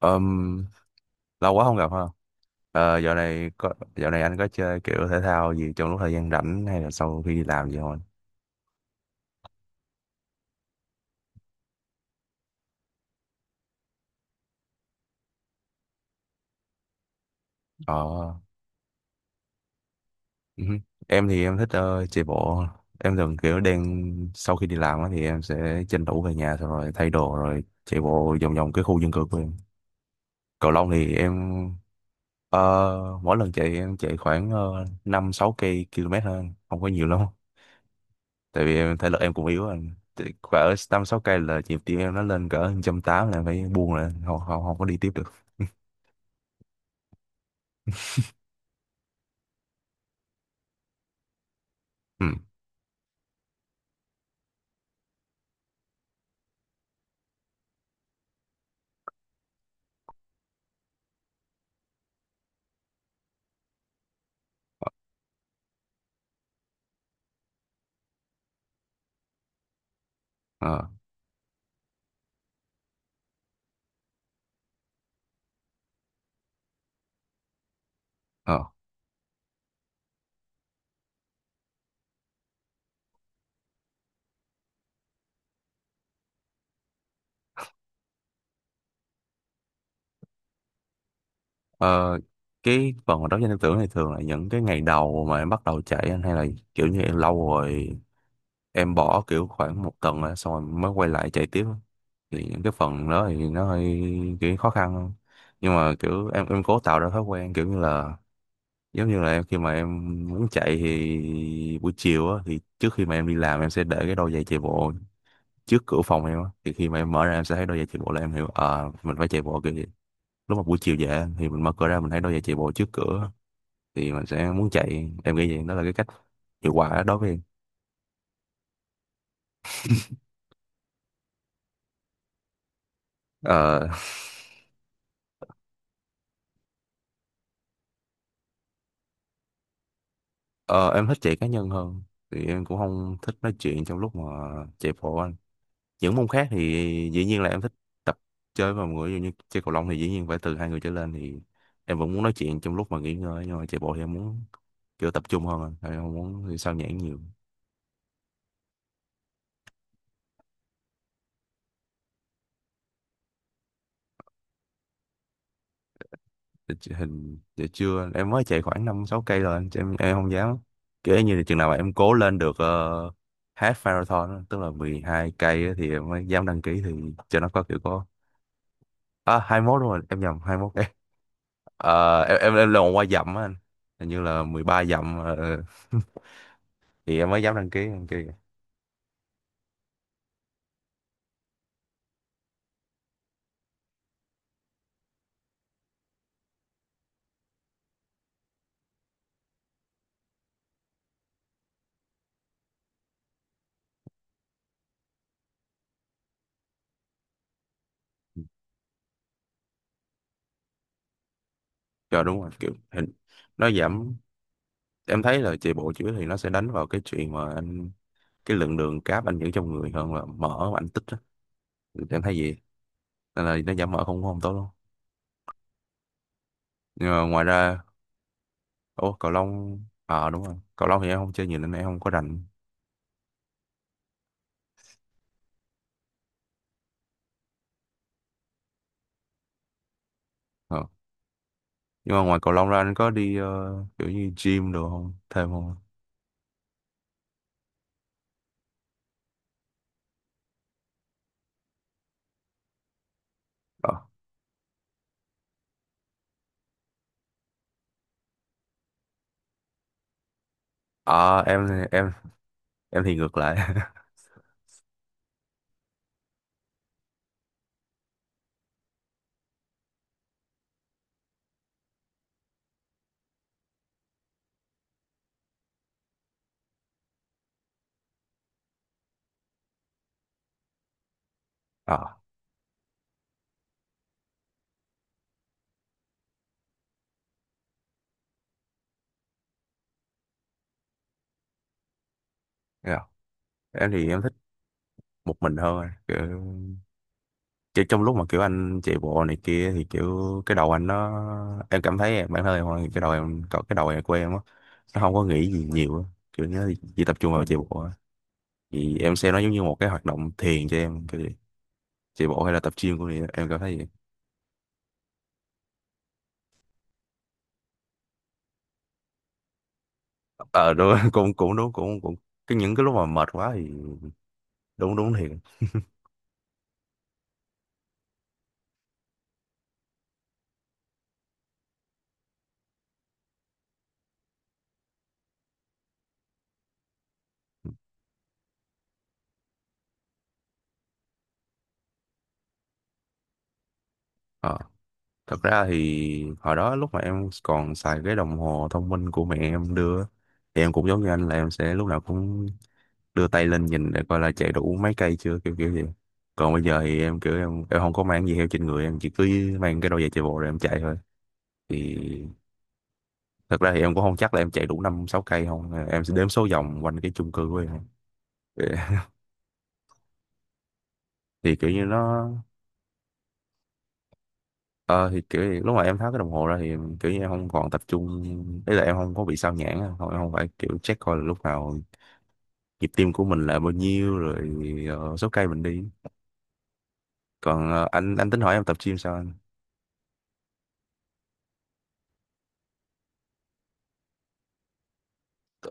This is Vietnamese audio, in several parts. Ừm, lâu quá không gặp ha. Dạo này dạo này anh có chơi kiểu thể thao gì trong lúc thời gian rảnh hay là sau khi đi làm gì không anh? Ờ, ừ. Em thì em thích chạy bộ. Em thường kiểu đang sau khi đi làm á thì em sẽ tranh thủ về nhà xong rồi thay đồ rồi chạy bộ vòng vòng cái khu dân cư của em. Cầu Long thì em ờ, mỗi lần chạy em chạy khoảng 5 6 cây km hơn, không có nhiều lắm. Tại vì em thể lực em cũng yếu rồi thì cỡ năm sáu cây là nhịp tim em nó lên cỡ một trăm tám là em phải buông lại không, không có đi tiếp được. ừ ờ ờ Ờ, cái phần mà đấu tranh tư tưởng này thường là những cái ngày đầu mà em bắt đầu chạy anh hay là kiểu như em lâu rồi em bỏ kiểu khoảng một tuần rồi, xong rồi mới quay lại chạy tiếp á? Thì những cái phần đó thì nó hơi kiểu khó khăn không, nhưng mà kiểu em cố tạo ra thói quen kiểu như là giống như là em khi mà em muốn chạy thì buổi chiều á thì trước khi mà em đi làm em sẽ để cái đôi giày chạy bộ trước cửa phòng em á, thì khi mà em mở ra em sẽ thấy đôi giày chạy bộ là em hiểu ờ mình phải chạy bộ kìa. Lúc mà buổi chiều về á, thì mình mở cửa ra mình thấy đôi giày chạy bộ trước cửa thì mình sẽ muốn chạy, em nghĩ vậy đó là cái cách hiệu quả đối với em. ờ ờ, em thích chạy cá nhân hơn, thì em cũng không thích nói chuyện trong lúc mà chạy bộ á. Những môn khác thì dĩ nhiên là em thích tập chơi với mọi người, ví dụ như chơi cầu lông thì dĩ nhiên phải từ hai người trở lên thì em vẫn muốn nói chuyện trong lúc mà nghỉ ngơi, nhưng mà chạy bộ thì em muốn kiểu tập trung hơn à. Em không muốn thì sao nhãng nhiều. Hình để chưa, em mới chạy khoảng năm sáu cây rồi chứ em không dám kiểu như là chừng nào mà em cố lên được half marathon á, tức là 12 cây á thì em mới dám đăng ký, thì cho nó có kiểu có. À 21 đúng rồi, em nhầm 21 cây. Ờ, em là qua dặm á anh, hình như là mười ba dặm. Ờ. Thì em mới dám đăng ký cho đúng rồi kiểu hình nó giảm. Em thấy là chạy bộ chữa thì nó sẽ đánh vào cái chuyện mà anh cái lượng đường cáp anh giữ trong người hơn là mỡ mà anh tích á. Thì em thấy vậy, nên là nó giảm mỡ không không tốt đâu. Nhưng mà ngoài ra ủa cầu lông ờ đúng rồi cầu lông thì em không chơi nhiều nên em không có rành. Ờ. Nhưng mà ngoài cầu lông ra anh có đi kiểu như gym đồ không, thêm không. Ờ Ờ, em em em thì ngược lại. ờ Thế nào? Em thì em thích một mình hơn, kiểu kiểu trong lúc mà kiểu anh chạy bộ này kia thì kiểu cái đầu anh nó em cảm thấy bản thân em thôi, cái đầu em có cái đầu em của em á, nó không có nghĩ gì nhiều á. Kiểu nhớ chỉ tập trung vào chạy bộ á. Thì em xem nó giống như một cái hoạt động thiền cho em kiểu vậy. Chạy bộ hay là tập gym của em cảm thấy vậy. Ờ đúng cũng cũng đúng cũng cũng Cái những cái lúc mà mệt quá thì đúng đúng thiệt. ờ Thật ra thì hồi đó lúc mà em còn xài cái đồng hồ thông minh của mẹ em đưa á, thì em cũng giống như anh là em sẽ lúc nào cũng đưa tay lên nhìn để coi là chạy đủ mấy cây chưa, kiểu kiểu gì. Còn bây giờ thì em kiểu em không có mang gì theo trên người, em chỉ cứ mang cái đôi giày chạy bộ rồi em chạy thôi. Thì thật ra thì em cũng không chắc là em chạy đủ năm sáu cây không à, em sẽ đếm số vòng quanh cái chung cư của em. Thì, kiểu như nó ờ thì kiểu như lúc mà em tháo cái đồng hồ ra thì kiểu như em không còn tập trung, ý là em không có bị sao nhãng á. Không em không phải kiểu check coi là lúc nào nhịp tim của mình là bao nhiêu rồi số cây mình đi. Còn anh tính hỏi em tập gym sao anh.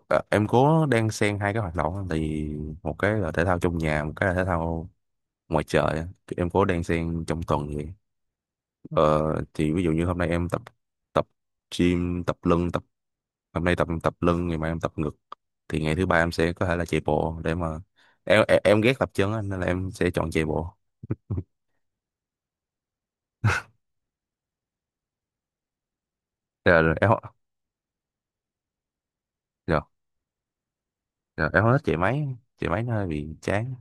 Ờ, em cố đang xen hai cái hoạt động á, thì một cái là thể thao trong nhà, một cái là thể thao ngoài trời á. Thì em cố đang xen trong tuần vậy. ờ, thì ví dụ như hôm nay em tập tập gym tập lưng tập hôm nay tập tập lưng, ngày mai em tập ngực. Thì ngày thứ ba em sẽ có thể là chạy bộ để mà em ghét tập chân á, nên là em sẽ chọn chạy bộ. rồi, rồi em không- rồi, rồi em không thích chạy máy, chạy máy nó hơi bị chán.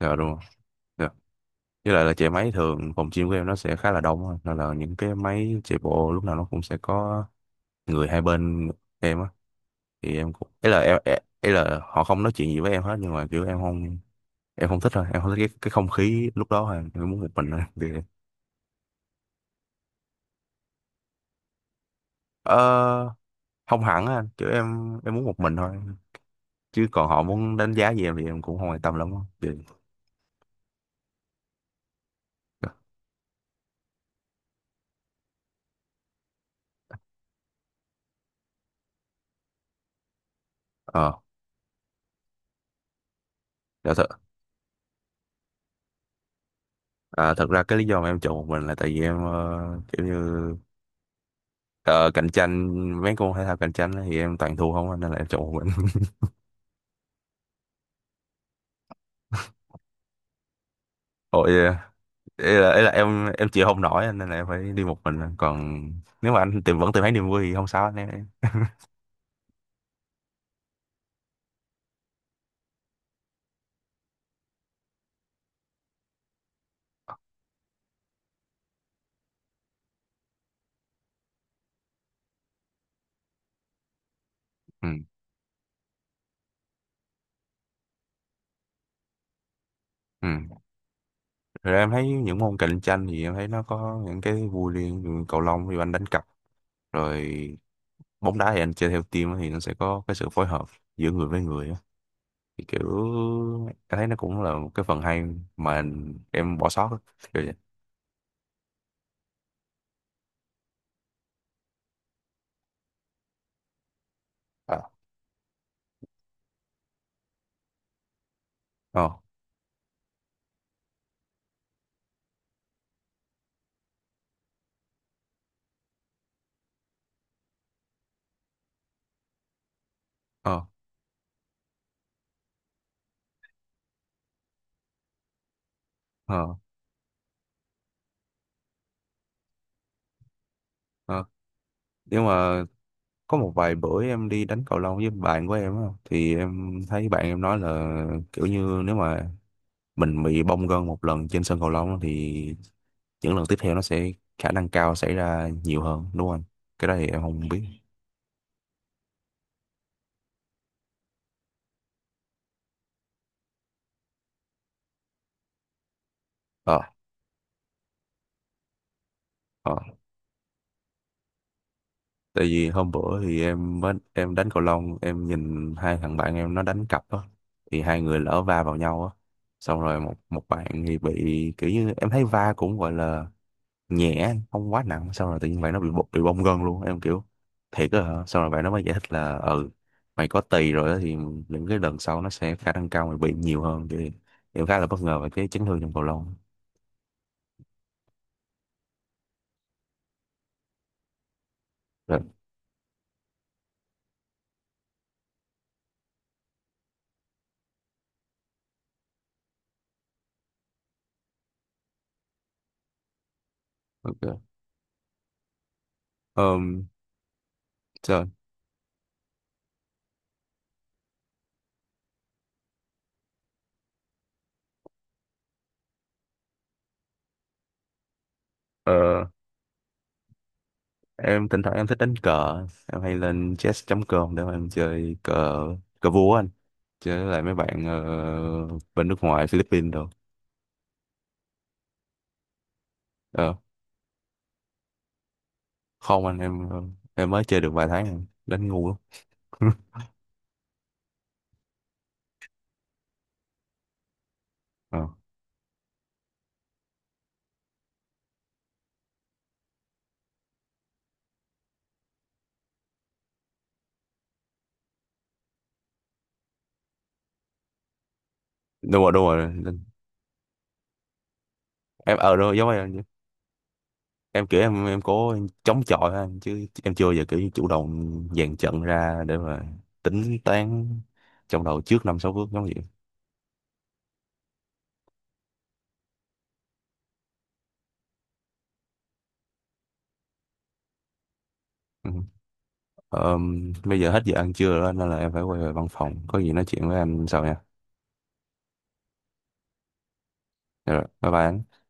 Rồi đúng rồi, với lại là chạy máy thường phòng gym của em nó sẽ khá là đông á. Nên là những cái máy chạy bộ lúc nào nó cũng sẽ có người hai bên em á, thì em cũng ấy là em ấy ấy là họ không nói chuyện gì với em hết, nhưng mà kiểu em không thích thôi, em không thích cái không khí lúc đó thôi, em muốn một mình thôi. Thì ờ, không hẳn á anh. Kiểu em muốn một mình thôi, chứ còn họ muốn đánh giá gì em thì em cũng không quan tâm lắm á. Thì ờ dạ thật à, thật ra cái lý do mà em chọn một mình là tại vì em kiểu như. Ờ, cạnh tranh, mấy môn thể thao cạnh tranh á thì em toàn thua không anh, nên là em chọn một mình. Ôi, ý là em chịu không nổi anh, nên là em phải đi một mình. Còn nếu mà anh vẫn tìm thấy niềm vui thì không sao anh em. Ừ. Ừ. Rồi em thấy những môn cạnh tranh thì em thấy nó có những cái vui riêng. Ví dụ cầu lông thì anh đánh cặp, rồi bóng đá thì anh chơi theo team á, thì nó sẽ có cái sự phối hợp giữa người với người á. Thì kiểu em thấy nó cũng là một cái phần hay mà em bỏ sót á. Kiểu vậy. Ờ. Ờ. Ờ. Ờ. ờ. Nhưng mà có một vài bữa em đi đánh cầu lông với bạn của em á thì em thấy bạn em nói là kiểu như nếu mà mình bị bong gân một lần trên sân cầu lông á, thì những lần tiếp theo nó sẽ khả năng cao xảy ra nhiều hơn đúng không anh? Cái đó thì em không biết. ờ ờ Tại vì hôm bữa thì em mới em đánh cầu lông em nhìn hai thằng bạn em nó đánh cặp á, thì hai người lỡ va vào nhau á, xong rồi một một bạn thì bị kiểu như em thấy va cũng gọi là nhẹ không quá nặng, xong rồi tự nhiên vậy nó bị bị bong gân luôn. Em kiểu thiệt á hả, xong rồi vậy nó mới giải thích là ừ mày có tỳ rồi á, thì những cái lần sau nó sẽ khả năng cao mày bị nhiều hơn. Thì em khá là bất ngờ về cái chấn thương trong cầu lông. Rồi ok. um, Rồi ờ, em thỉnh thoảng em thích đánh cờ, em hay lên chess.com để mà em chơi cờ, cờ vua á anh, chơi với lại mấy bạn bên nước ngoài Philippines rồi. Ờ, không anh em mới chơi được vài tháng em đánh ngu lắm. Đúng rồi đúng rồi, em ở đúng rồi, giống em. Em kiểu em em có chống chọi ha, chứ em chưa bao giờ kiểu như chủ động dàn trận ra để mà tính toán trong đầu trước năm sáu bước giống vậy. Ừ. Bây giờ hết giờ ăn trưa rồi đó, nên là em phải quay về văn phòng, có gì nói chuyện với anh sau nha. Dạ rồi bye bye anh.